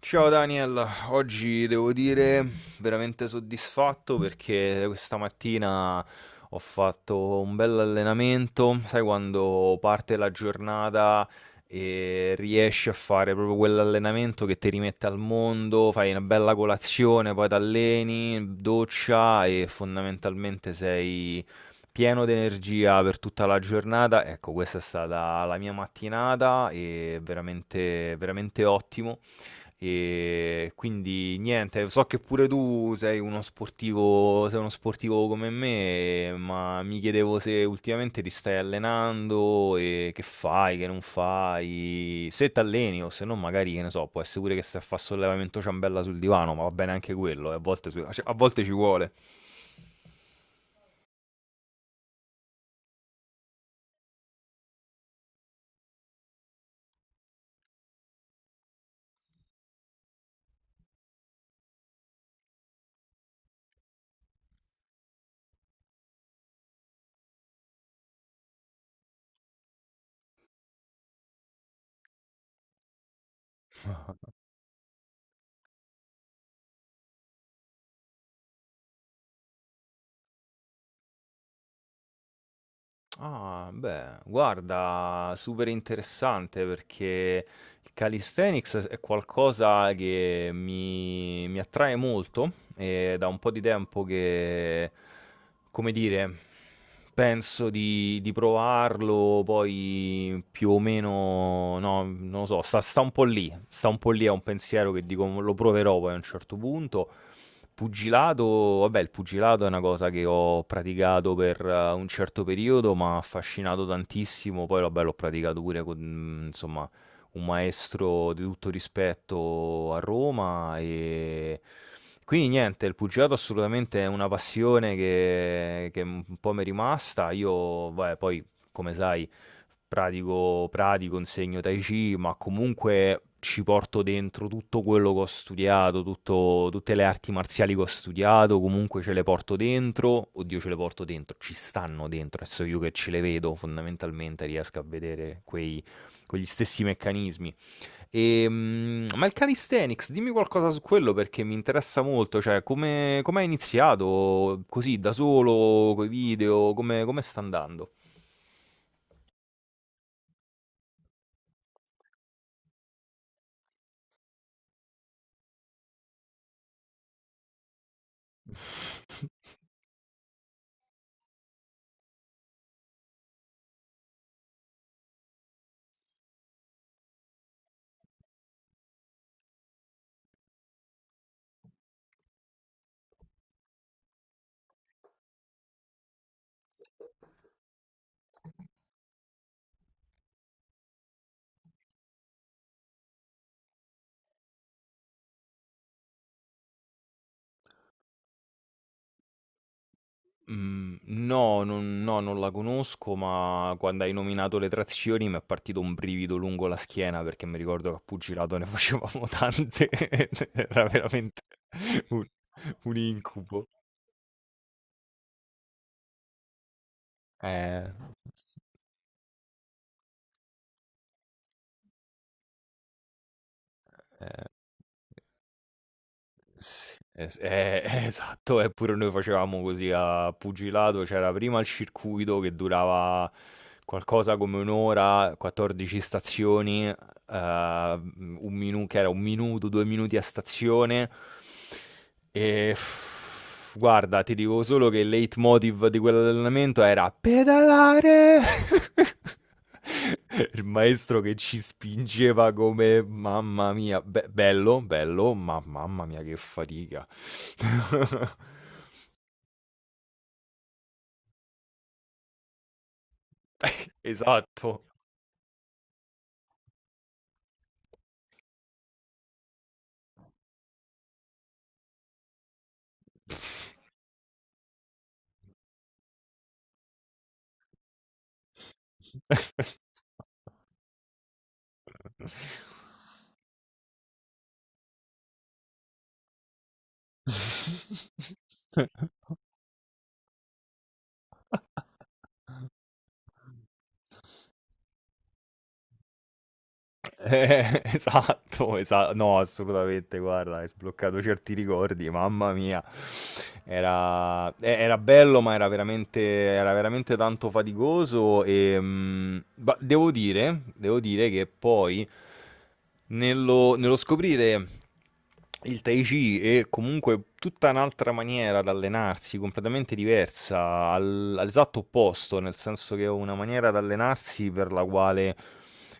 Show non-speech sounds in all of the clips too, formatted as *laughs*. Ciao Daniel, oggi devo dire veramente soddisfatto perché questa mattina ho fatto un bel allenamento, sai quando parte la giornata e riesci a fare proprio quell'allenamento che ti rimette al mondo, fai una bella colazione, poi ti alleni, doccia e fondamentalmente sei pieno di energia per tutta la giornata. Ecco, questa è stata la mia mattinata e veramente, veramente ottimo. Quindi niente, so che pure tu sei uno sportivo come me, ma mi chiedevo se ultimamente ti stai allenando e che fai, che non fai, se t'alleni o se no magari, che ne so, può essere pure che stai a fare sollevamento ciambella sul divano, ma va bene anche quello, a volte, cioè, a volte ci vuole. Ah, beh, guarda, super interessante perché il calisthenics è qualcosa che mi attrae molto e da un po' di tempo che, come dire, penso di provarlo, poi più o meno, no, non lo so, sta un po' lì, sta un po' lì, è un pensiero che dico lo proverò poi a un certo punto. Pugilato, vabbè, il pugilato è una cosa che ho praticato per un certo periodo, ma ha affascinato tantissimo. Poi, vabbè, l'ho praticato pure con, insomma, un maestro di tutto rispetto a Roma. Quindi niente, il pugilato assolutamente è una passione che un po' mi è rimasta. Io, vabbè, poi, come sai, pratico, insegno Tai Chi, ma comunque ci porto dentro tutto quello che ho studiato, tutte le arti marziali che ho studiato, comunque ce le porto dentro, oddio ce le porto dentro, ci stanno dentro, adesso io che ce le vedo fondamentalmente riesco a vedere quegli stessi meccanismi. Ma il calisthenics, dimmi qualcosa su quello perché mi interessa molto, cioè come hai iniziato così da solo, con i video, come sta andando? Mhmm, no, non la conosco, ma quando hai nominato le trazioni mi è partito un brivido lungo la schiena, perché mi ricordo che a pugilato ne facevamo tante *laughs* ed era veramente un un incubo. Eh, eh, sì, es *laughs* esatto, pure noi facevamo così a pugilato, c'era prima il circuito che durava qualcosa come 1 ora, 14 stazioni un minu che era 1 minuto, 2 minuti a stazione e guarda, ti dico solo che il leitmotiv di quell'allenamento era: "Pedalare!" *laughs* Il maestro che ci spingeva come mamma mia, be bello, bello, ma mamma mia che fatica. *laughs* Esatto. *laughs* *laughs* Esatto, esatto, no, assolutamente, guarda, hai sbloccato certi ricordi, mamma mia. Era bello, ma era veramente tanto faticoso e devo dire che poi nello scoprire il Tai Chi è comunque tutta un'altra maniera di allenarsi, completamente diversa, all'esatto opposto, nel senso che è una maniera di allenarsi per la quale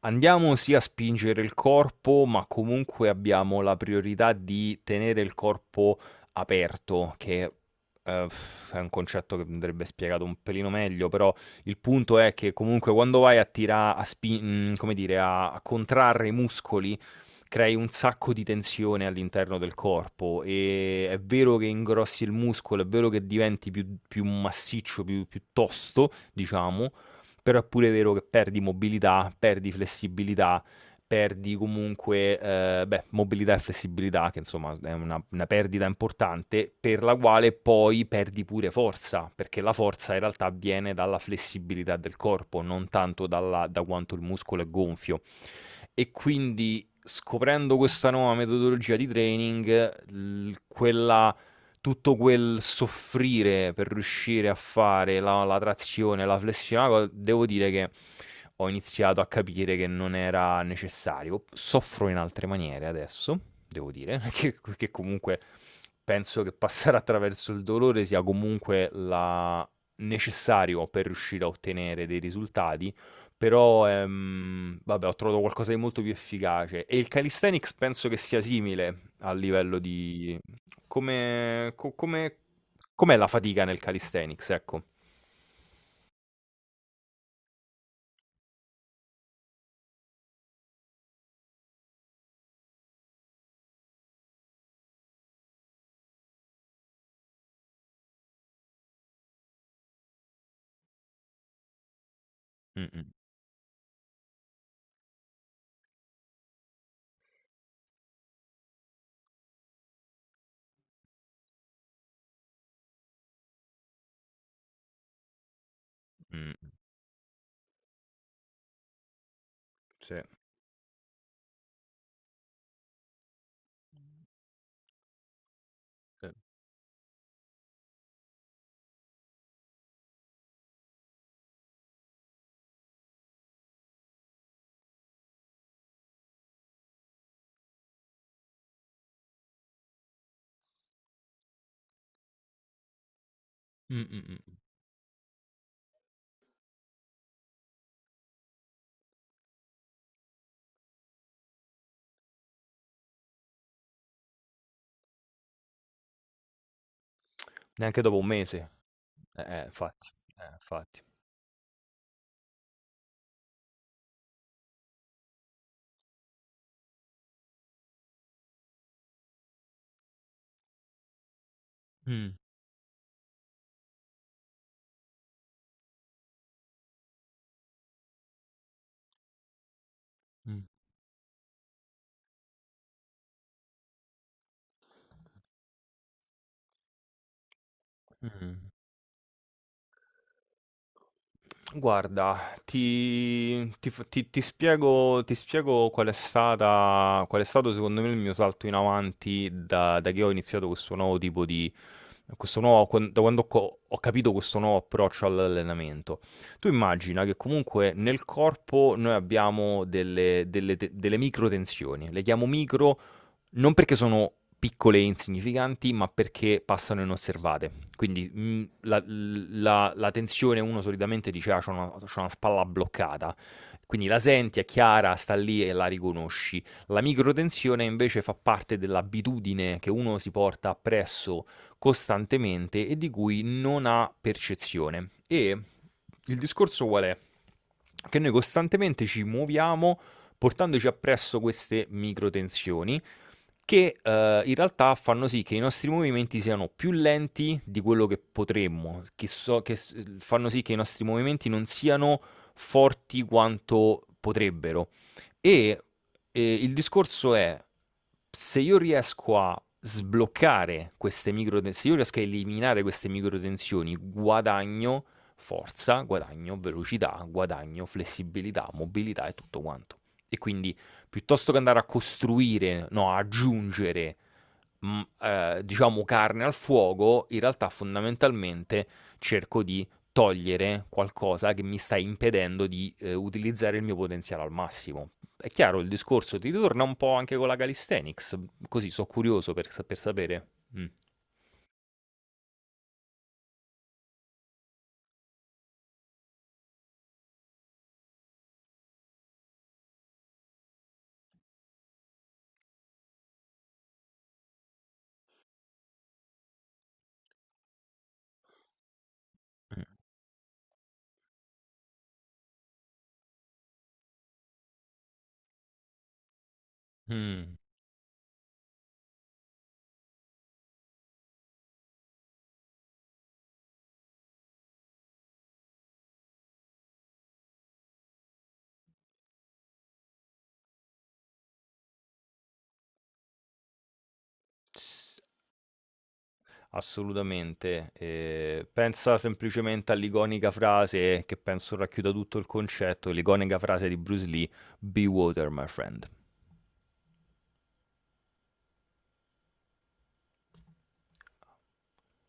andiamo sì a spingere il corpo, ma comunque abbiamo la priorità di tenere il corpo aperto, che eh, è un concetto che andrebbe spiegato un pelino meglio, però il punto è che comunque quando vai a tirare, come dire, a contrarre i muscoli, crei un sacco di tensione all'interno del corpo e è vero che ingrossi il muscolo, è vero che diventi più massiccio, più tosto, diciamo, però è pure vero che perdi mobilità, perdi flessibilità, perdi comunque, beh, mobilità e flessibilità che insomma è una perdita importante, per la quale poi perdi pure forza, perché la forza in realtà viene dalla flessibilità del corpo, non tanto dalla da quanto il muscolo è gonfio. E quindi scoprendo questa nuova metodologia di training, quella, tutto quel soffrire per riuscire a fare la trazione, la flessione, devo dire che ho iniziato a capire che non era necessario. Soffro in altre maniere adesso, devo dire, *laughs* perché comunque penso che passare attraverso il dolore sia comunque necessario per riuscire a ottenere dei risultati però, vabbè, ho trovato qualcosa di molto più efficace. E il calisthenics penso che sia simile a livello di, come, come, com'è la fatica nel calisthenics, ecco. Mh, mh, mh, sì, sì. Mh, mh, mh. Neanche dopo un mese. Eh, infatti. Infatti. Mh, mh, mh. Guarda, ti ti f ti ti spiego qual è stato secondo me il mio salto in avanti da che ho iniziato questo nuovo tipo di questo nuovo quan da quando ho capito questo nuovo approccio all'allenamento. Tu immagina che comunque nel corpo noi abbiamo delle microtensioni, le chiamo micro non perché sono piccole e insignificanti, ma perché passano inosservate. Quindi la tensione uno solitamente dice, ah, c'ho una spalla bloccata. Quindi la senti, è chiara, sta lì e la riconosci. La microtensione invece fa parte dell'abitudine che uno si porta appresso costantemente e di cui non ha percezione. E il discorso qual è? Che noi costantemente ci muoviamo portandoci appresso queste microtensioni che, in realtà fanno sì che i nostri movimenti siano più lenti di quello che potremmo, che so che s fanno sì che i nostri movimenti non siano forti quanto potrebbero. E, il discorso è: se io riesco a sbloccare queste micro ten se io riesco a eliminare queste micro tensioni, guadagno forza, guadagno velocità, guadagno flessibilità, mobilità e tutto quanto. E quindi piuttosto che andare a costruire, no, a aggiungere, diciamo, carne al fuoco, in realtà fondamentalmente cerco di togliere qualcosa che mi sta impedendo di utilizzare il mio potenziale al massimo. È chiaro il discorso, ti ritorna un po' anche con la calisthenics, così sono curioso per sapere. Mm. Mm. Assolutamente. Pensa semplicemente all'iconica frase che penso racchiuda tutto il concetto, l'iconica frase di Bruce Lee: "Be water, my friend".